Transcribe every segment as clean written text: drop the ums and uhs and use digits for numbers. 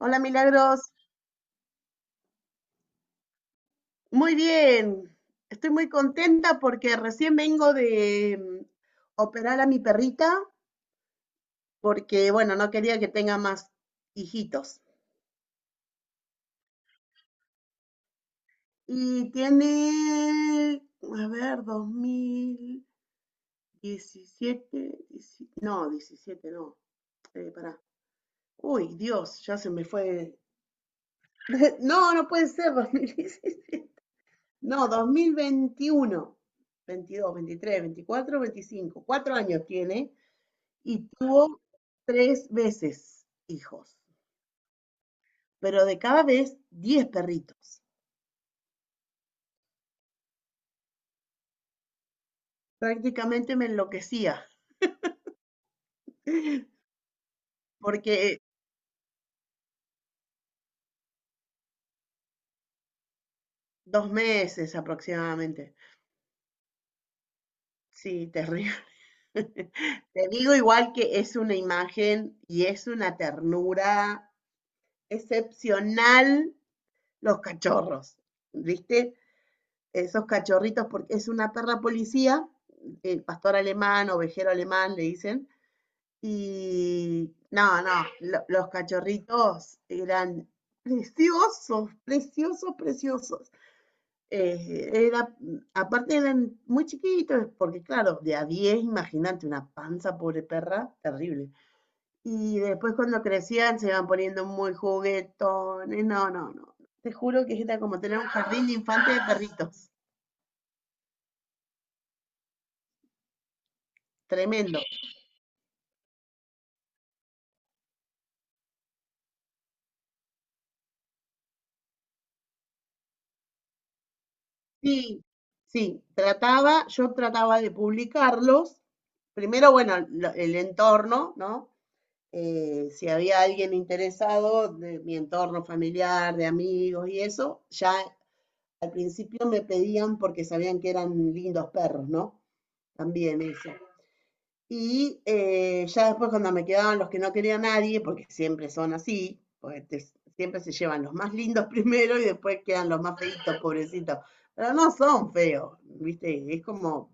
Hola Milagros, muy bien. Estoy muy contenta porque recién vengo de operar a mi perrita porque, bueno, no quería que tenga más hijitos. Y tiene, a ver, 2017, no, 17, no, pará. Uy, Dios, ya se me fue. No, no puede ser, 2017. No, 2021, 22, 23, 24, 25, 4 años tiene. Y tuvo 3 veces hijos, pero de cada vez diez perritos. Prácticamente me enloquecía, porque 2 meses aproximadamente. Sí, terrible. Te digo igual que es una imagen y es una ternura excepcional los cachorros, ¿viste? Esos cachorritos, porque es una perra policía, el pastor alemán, ovejero alemán, le dicen. Y no, no, los cachorritos eran preciosos, preciosos, preciosos. Eh, era, Aparte eran muy chiquitos, porque claro, de a 10 imagínate, una panza, pobre perra, terrible. Y después cuando crecían se iban poniendo muy juguetones. No, no, no. Te juro que era como tener un jardín de infantes de perritos. Tremendo. Sí, sí, yo trataba de publicarlos. Primero, bueno, el entorno, ¿no? Si había alguien interesado de mi entorno familiar, de amigos y eso, ya al principio me pedían porque sabían que eran lindos perros, ¿no? También eso. Y ya después cuando me quedaban los que no quería a nadie, porque siempre son así, porque siempre se llevan los más lindos primero y después quedan los más feitos, pobrecitos. Pero no son feos, ¿viste? Es como,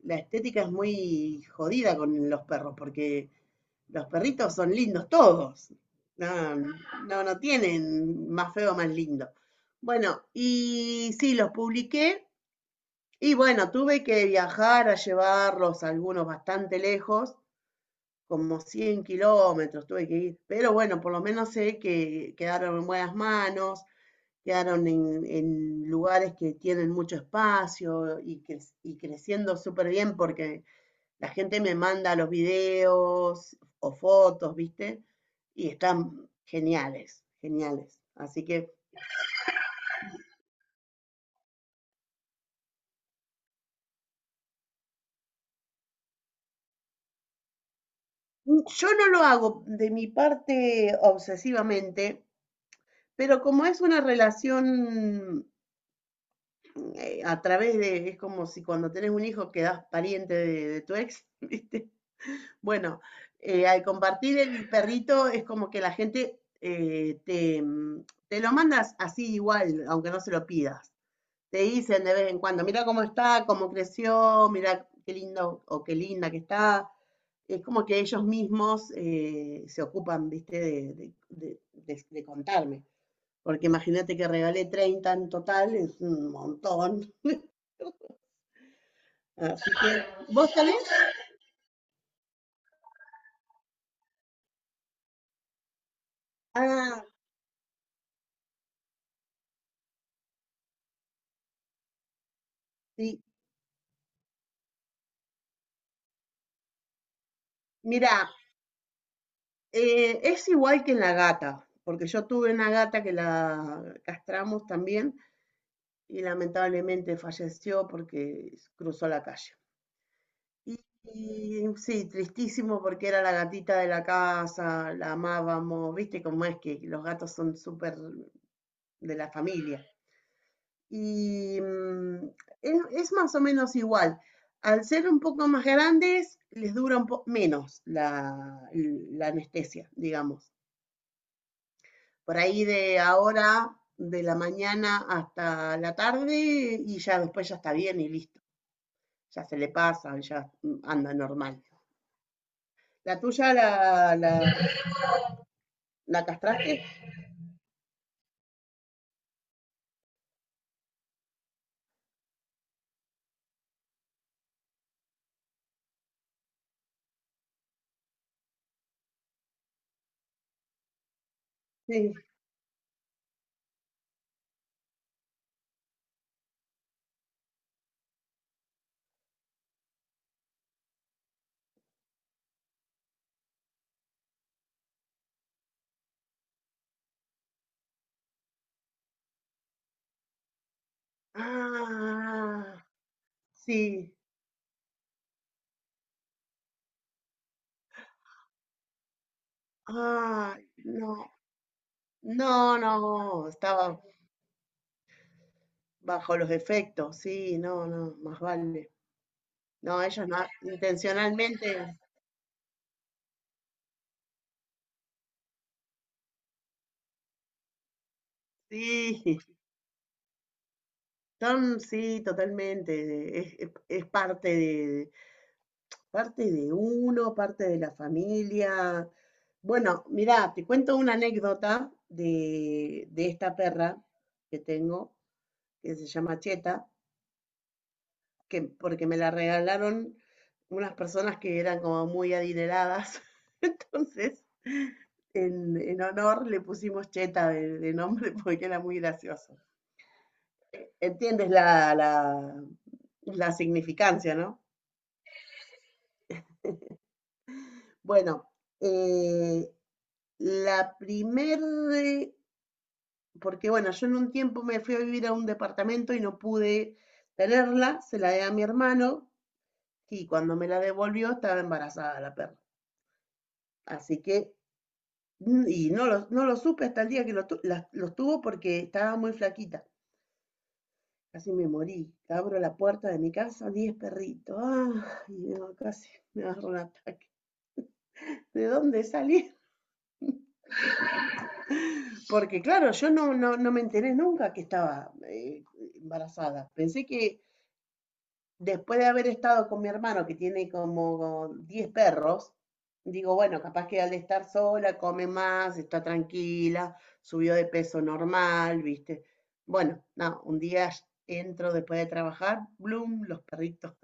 la estética es muy jodida con los perros, porque los perritos son lindos todos. No, no, no tienen más feo, más lindo. Bueno, y sí, los publiqué y bueno, tuve que viajar a llevarlos algunos bastante lejos como 100 kilómetros tuve que ir, pero bueno, por lo menos sé que quedaron en buenas manos, quedaron en lugares que tienen mucho espacio y, y creciendo súper bien porque la gente me manda los videos o fotos, ¿viste? Y están geniales, geniales. Así que yo no lo hago de mi parte obsesivamente, pero como es una relación a través de, es como si cuando tenés un hijo quedás pariente de tu ex, ¿viste? Bueno, al compartir el perrito es como que la gente te lo mandas así igual, aunque no se lo pidas. Te dicen de vez en cuando, mira cómo está, cómo creció, mira qué lindo o qué linda que está. Es como que ellos mismos se ocupan, viste, de contarme. Porque imagínate que regalé 30 en total, es un montón. Así que, ¿vos tenés? Ah, sí. Mirá, es igual que en la gata, porque yo tuve una gata que la castramos también y lamentablemente falleció porque cruzó la calle. Y, y sí, tristísimo porque era la gatita de la casa, la amábamos, viste cómo es que los gatos son súper de la familia. Y es más o menos igual. Al ser un poco más grandes, les dura un poco menos la anestesia, digamos. Por ahí de ahora, de la mañana hasta la tarde, y ya después ya está bien y listo. Ya se le pasa, ya anda normal. ¿La tuya la castraste? Sí. Ah, sí. Ah, no. No, no, estaba bajo los efectos, sí, no, no, más vale. No, ellos no, intencionalmente, sí, son, sí, totalmente, es parte de uno, parte de la familia. Bueno, mirá, te cuento una anécdota de esta perra que tengo, que se llama Cheta, que, porque me la regalaron unas personas que eran como muy adineradas, entonces... en honor le pusimos Cheta de nombre porque era muy gracioso. Entiendes la significancia, ¿no? Bueno, eh, la primer, eh, porque bueno, yo en un tiempo me fui a vivir a un departamento y no pude tenerla, se la di a mi hermano y cuando me la devolvió estaba embarazada la perra. Así que, y no lo supe hasta el día que los tuvo porque estaba muy flaquita. Casi me morí. Abro la puerta de mi casa, 10 perritos. Ah, y no, casi me agarro un ataque. ¿De dónde salí? Porque claro, yo no me enteré nunca que estaba embarazada. Pensé que después de haber estado con mi hermano, que tiene como 10 perros, digo, bueno, capaz que al estar sola come más, está tranquila, subió de peso normal, ¿viste? Bueno, no, un día entro después de trabajar, bloom, los perritos.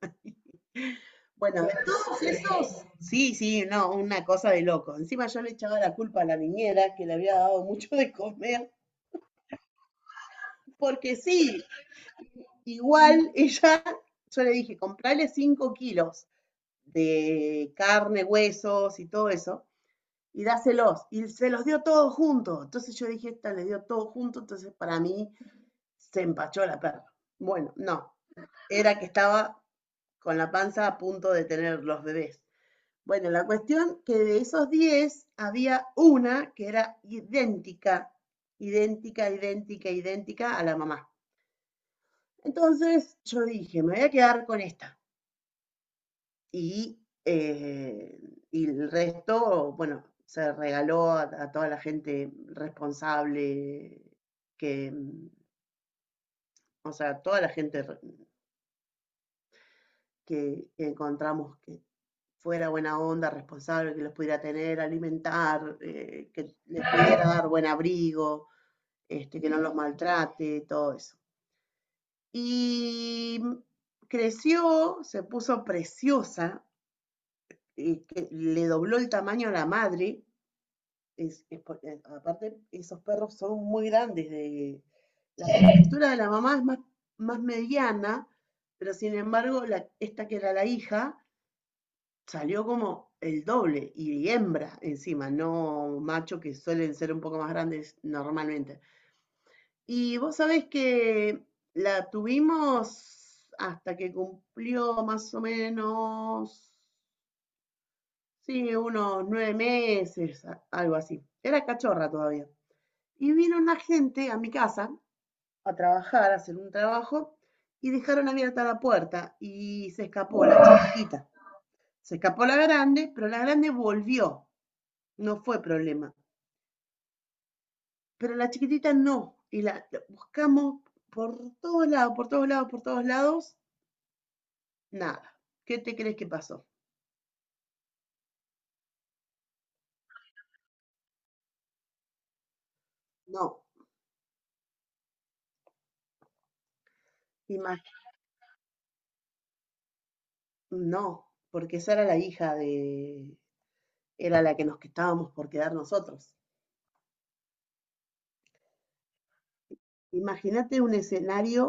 Bueno, de todos Sí, sí, no, una cosa de loco. Encima yo le echaba la culpa a la niñera que le había dado mucho de comer, porque sí, igual ella, yo le dije, comprale 5 kilos de carne, huesos y todo eso, y dáselos. Y se los dio todos juntos. Entonces yo dije, esta le dio todo junto, entonces para mí se empachó la perra. Bueno, no, era que estaba con la panza a punto de tener los bebés. Bueno, la cuestión que de esos 10 había una que era idéntica, idéntica, idéntica, idéntica a la mamá. Entonces yo dije, me voy a quedar con esta. Y, eh, y el resto, bueno, se regaló a toda la gente responsable, que, o sea, toda la gente que encontramos que fuera buena onda, responsable, que los pudiera tener, alimentar, que les pudiera dar buen abrigo. Este, que no los maltrate, todo eso. Y creció, se puso preciosa, y que le dobló el tamaño a la madre. Es, aparte, esos perros son muy grandes. La estructura de la mamá es más, más mediana, pero sin embargo, esta que era la hija salió como el doble y hembra encima, no macho que suelen ser un poco más grandes normalmente. Y vos sabés que la tuvimos hasta que cumplió más o menos, sí, unos 9 meses, algo así. Era cachorra todavía. Y vino una gente a mi casa a trabajar, a hacer un trabajo, y dejaron abierta la puerta y se escapó la chiquitita. Se escapó la grande, pero la grande volvió, no fue problema. Pero la chiquitita no, y la buscamos por todos lados, por todos lados, por todos lados. Nada. ¿Qué te crees que pasó? No. Imag- no, porque esa era la hija de... Era la que nos estábamos por quedar nosotros. Imagínate un escenario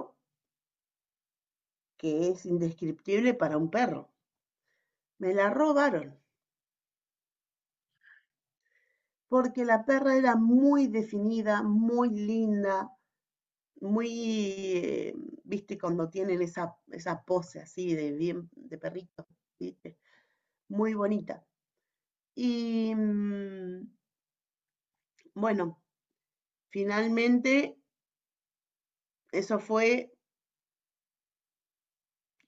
que es indescriptible para un perro. Me la robaron, porque la perra era muy definida, muy linda, muy, eh, viste, cuando tienen esa, esa pose así de bien, de perrito, viste, muy bonita. Y bueno, finalmente eso fue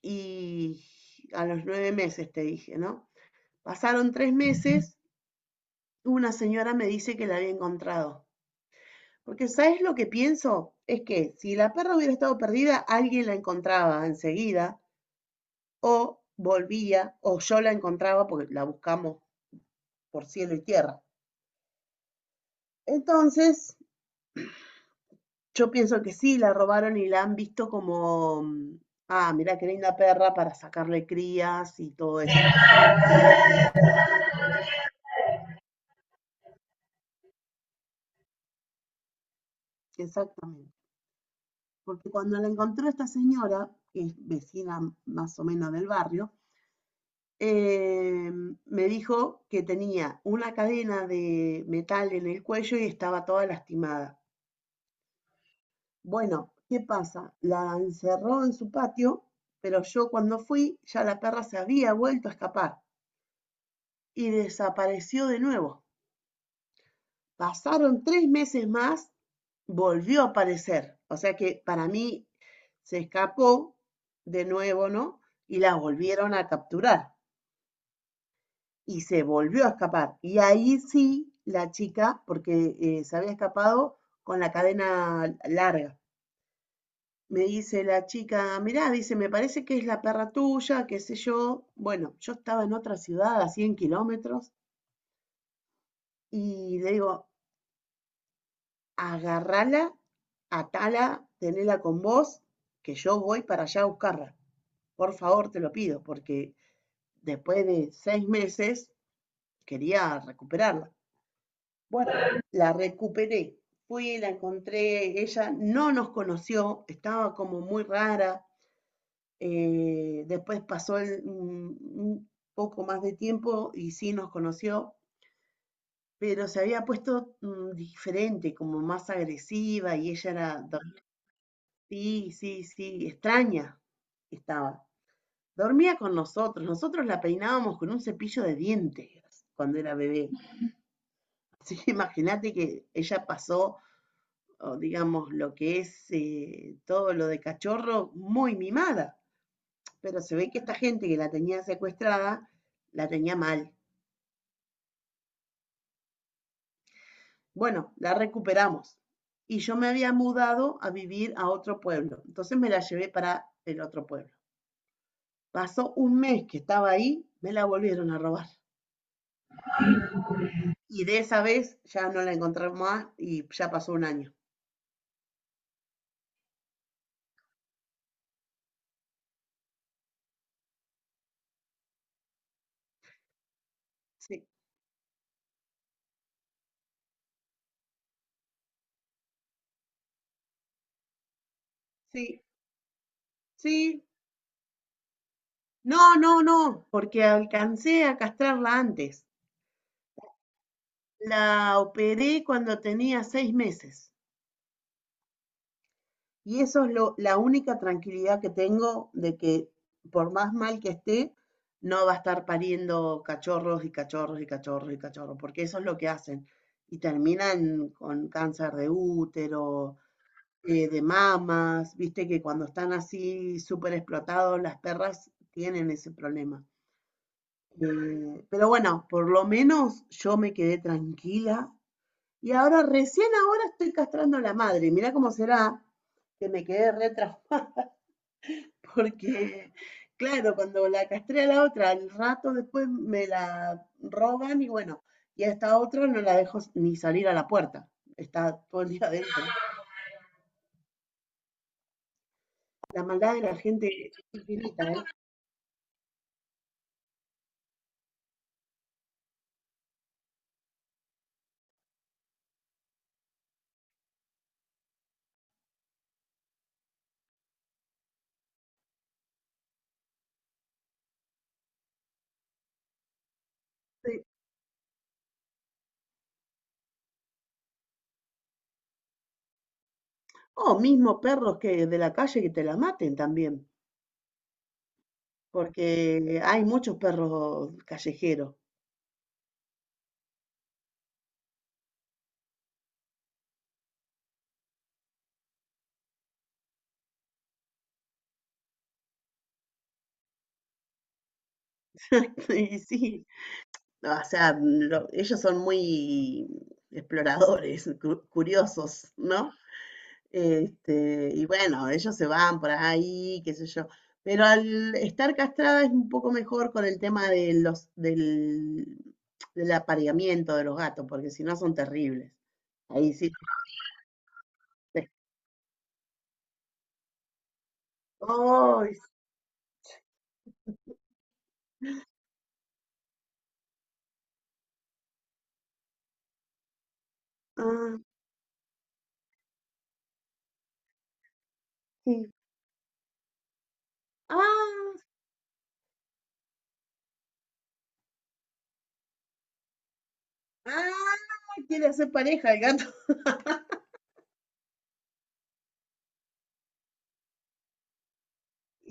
y a los 9 meses te dije, ¿no? Pasaron 3 meses, una señora me dice que la había encontrado. Porque ¿sabes lo que pienso? Es que si la perra hubiera estado perdida, alguien la encontraba enseguida o volvía o yo la encontraba porque la buscamos por cielo y tierra. Entonces, yo pienso que sí, la robaron y la han visto como, ah, mira qué linda perra para sacarle crías y todo eso. Exactamente. Porque cuando la encontró esta señora, que es vecina más o menos del barrio, eh, me dijo que tenía una cadena de metal en el cuello y estaba toda lastimada. Bueno, ¿qué pasa? La encerró en su patio, pero yo cuando fui ya la perra se había vuelto a escapar y desapareció de nuevo. Pasaron tres meses más, volvió a aparecer. O sea que para mí se escapó de nuevo, ¿no? Y la volvieron a capturar y se volvió a escapar. Y ahí sí la chica, porque se había escapado con la cadena larga. Me dice la chica, mirá, dice, me parece que es la perra tuya, qué sé yo. Bueno, yo estaba en otra ciudad a 100 kilómetros y le digo, agarrala, atala, tenela con vos, que yo voy para allá a buscarla. Por favor, te lo pido, porque después de 6 meses quería recuperarla. Bueno, la recuperé. Fui, la encontré, ella no nos conoció, estaba como muy rara. Después pasó un poco más de tiempo y sí nos conoció, pero se había puesto diferente, como más agresiva y ella era. Sí, sí, sí, extraña estaba. Dormía con nosotros, nosotros la peinábamos con un cepillo de dientes cuando era bebé. Así que imagínate que ella pasó, o digamos, lo que es todo lo de cachorro muy mimada, pero se ve que esta gente que la tenía secuestrada la tenía mal. Bueno, la recuperamos y yo me había mudado a vivir a otro pueblo, entonces me la llevé para el otro pueblo. Pasó un mes que estaba ahí, me la volvieron a robar. Y de esa vez ya no la encontré más y ya pasó un año. Sí, sí, sí. No, no, no, porque alcancé a castrarla antes. La operé cuando tenía 6 meses. Y eso es la única tranquilidad que tengo de que por más mal que esté, no va a estar pariendo cachorros y cachorros y cachorros y cachorros, porque eso es lo que hacen. Y terminan con cáncer de útero, de mamas, viste que cuando están así súper explotados las perras tienen ese problema. Pero bueno, por lo menos yo me quedé tranquila y ahora recién ahora estoy castrando a la madre. Mirá cómo será que me quedé re traumada porque, claro, cuando la castré a la otra, al rato después me la roban y bueno, y a esta otra no la dejo ni salir a la puerta. Está todo el día adentro. La maldad de la gente es infinita, ¿eh? O mismo perros que de la calle que te la maten también, porque hay muchos perros callejeros. Y sí, no, o sea, ellos son muy exploradores, curiosos, ¿no? Este, y bueno, ellos se van por ahí, qué sé yo. Pero al estar castrada es un poco mejor con el tema de del apareamiento de los gatos, porque si no son terribles. Ahí sí. ¡Ay! Ah, sí. Ah, ah, quiere hacer pareja el gato.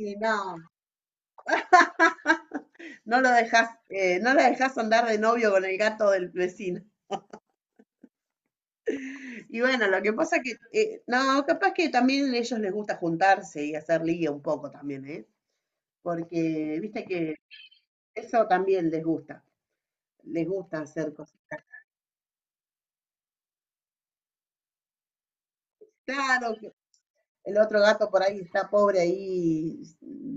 Y no, no lo dejas, no la dejas andar de novio con el gato del vecino. Y bueno, lo que pasa que, no, capaz que también a ellos les gusta juntarse y hacer ligue un poco también, ¿eh? Porque viste que eso también les gusta hacer cositas. Claro que el otro gato por ahí está pobre ahí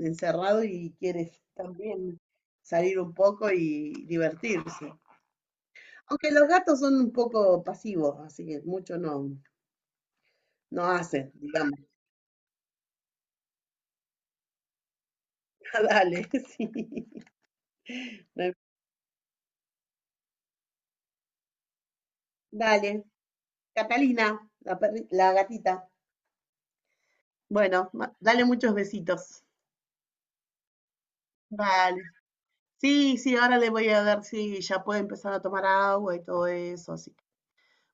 encerrado y quiere también salir un poco y divertirse. Aunque los gatos son un poco pasivos, así que mucho no, no hacen, digamos. Dale, sí. no hay- Dale, Catalina, la gatita. Bueno, dale muchos besitos. Vale. Sí, sí, ahora le voy a ver si ya puede empezar a tomar agua y todo eso, así.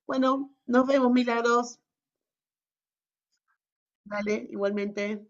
Bueno, nos vemos, Milagros. Vale, igualmente.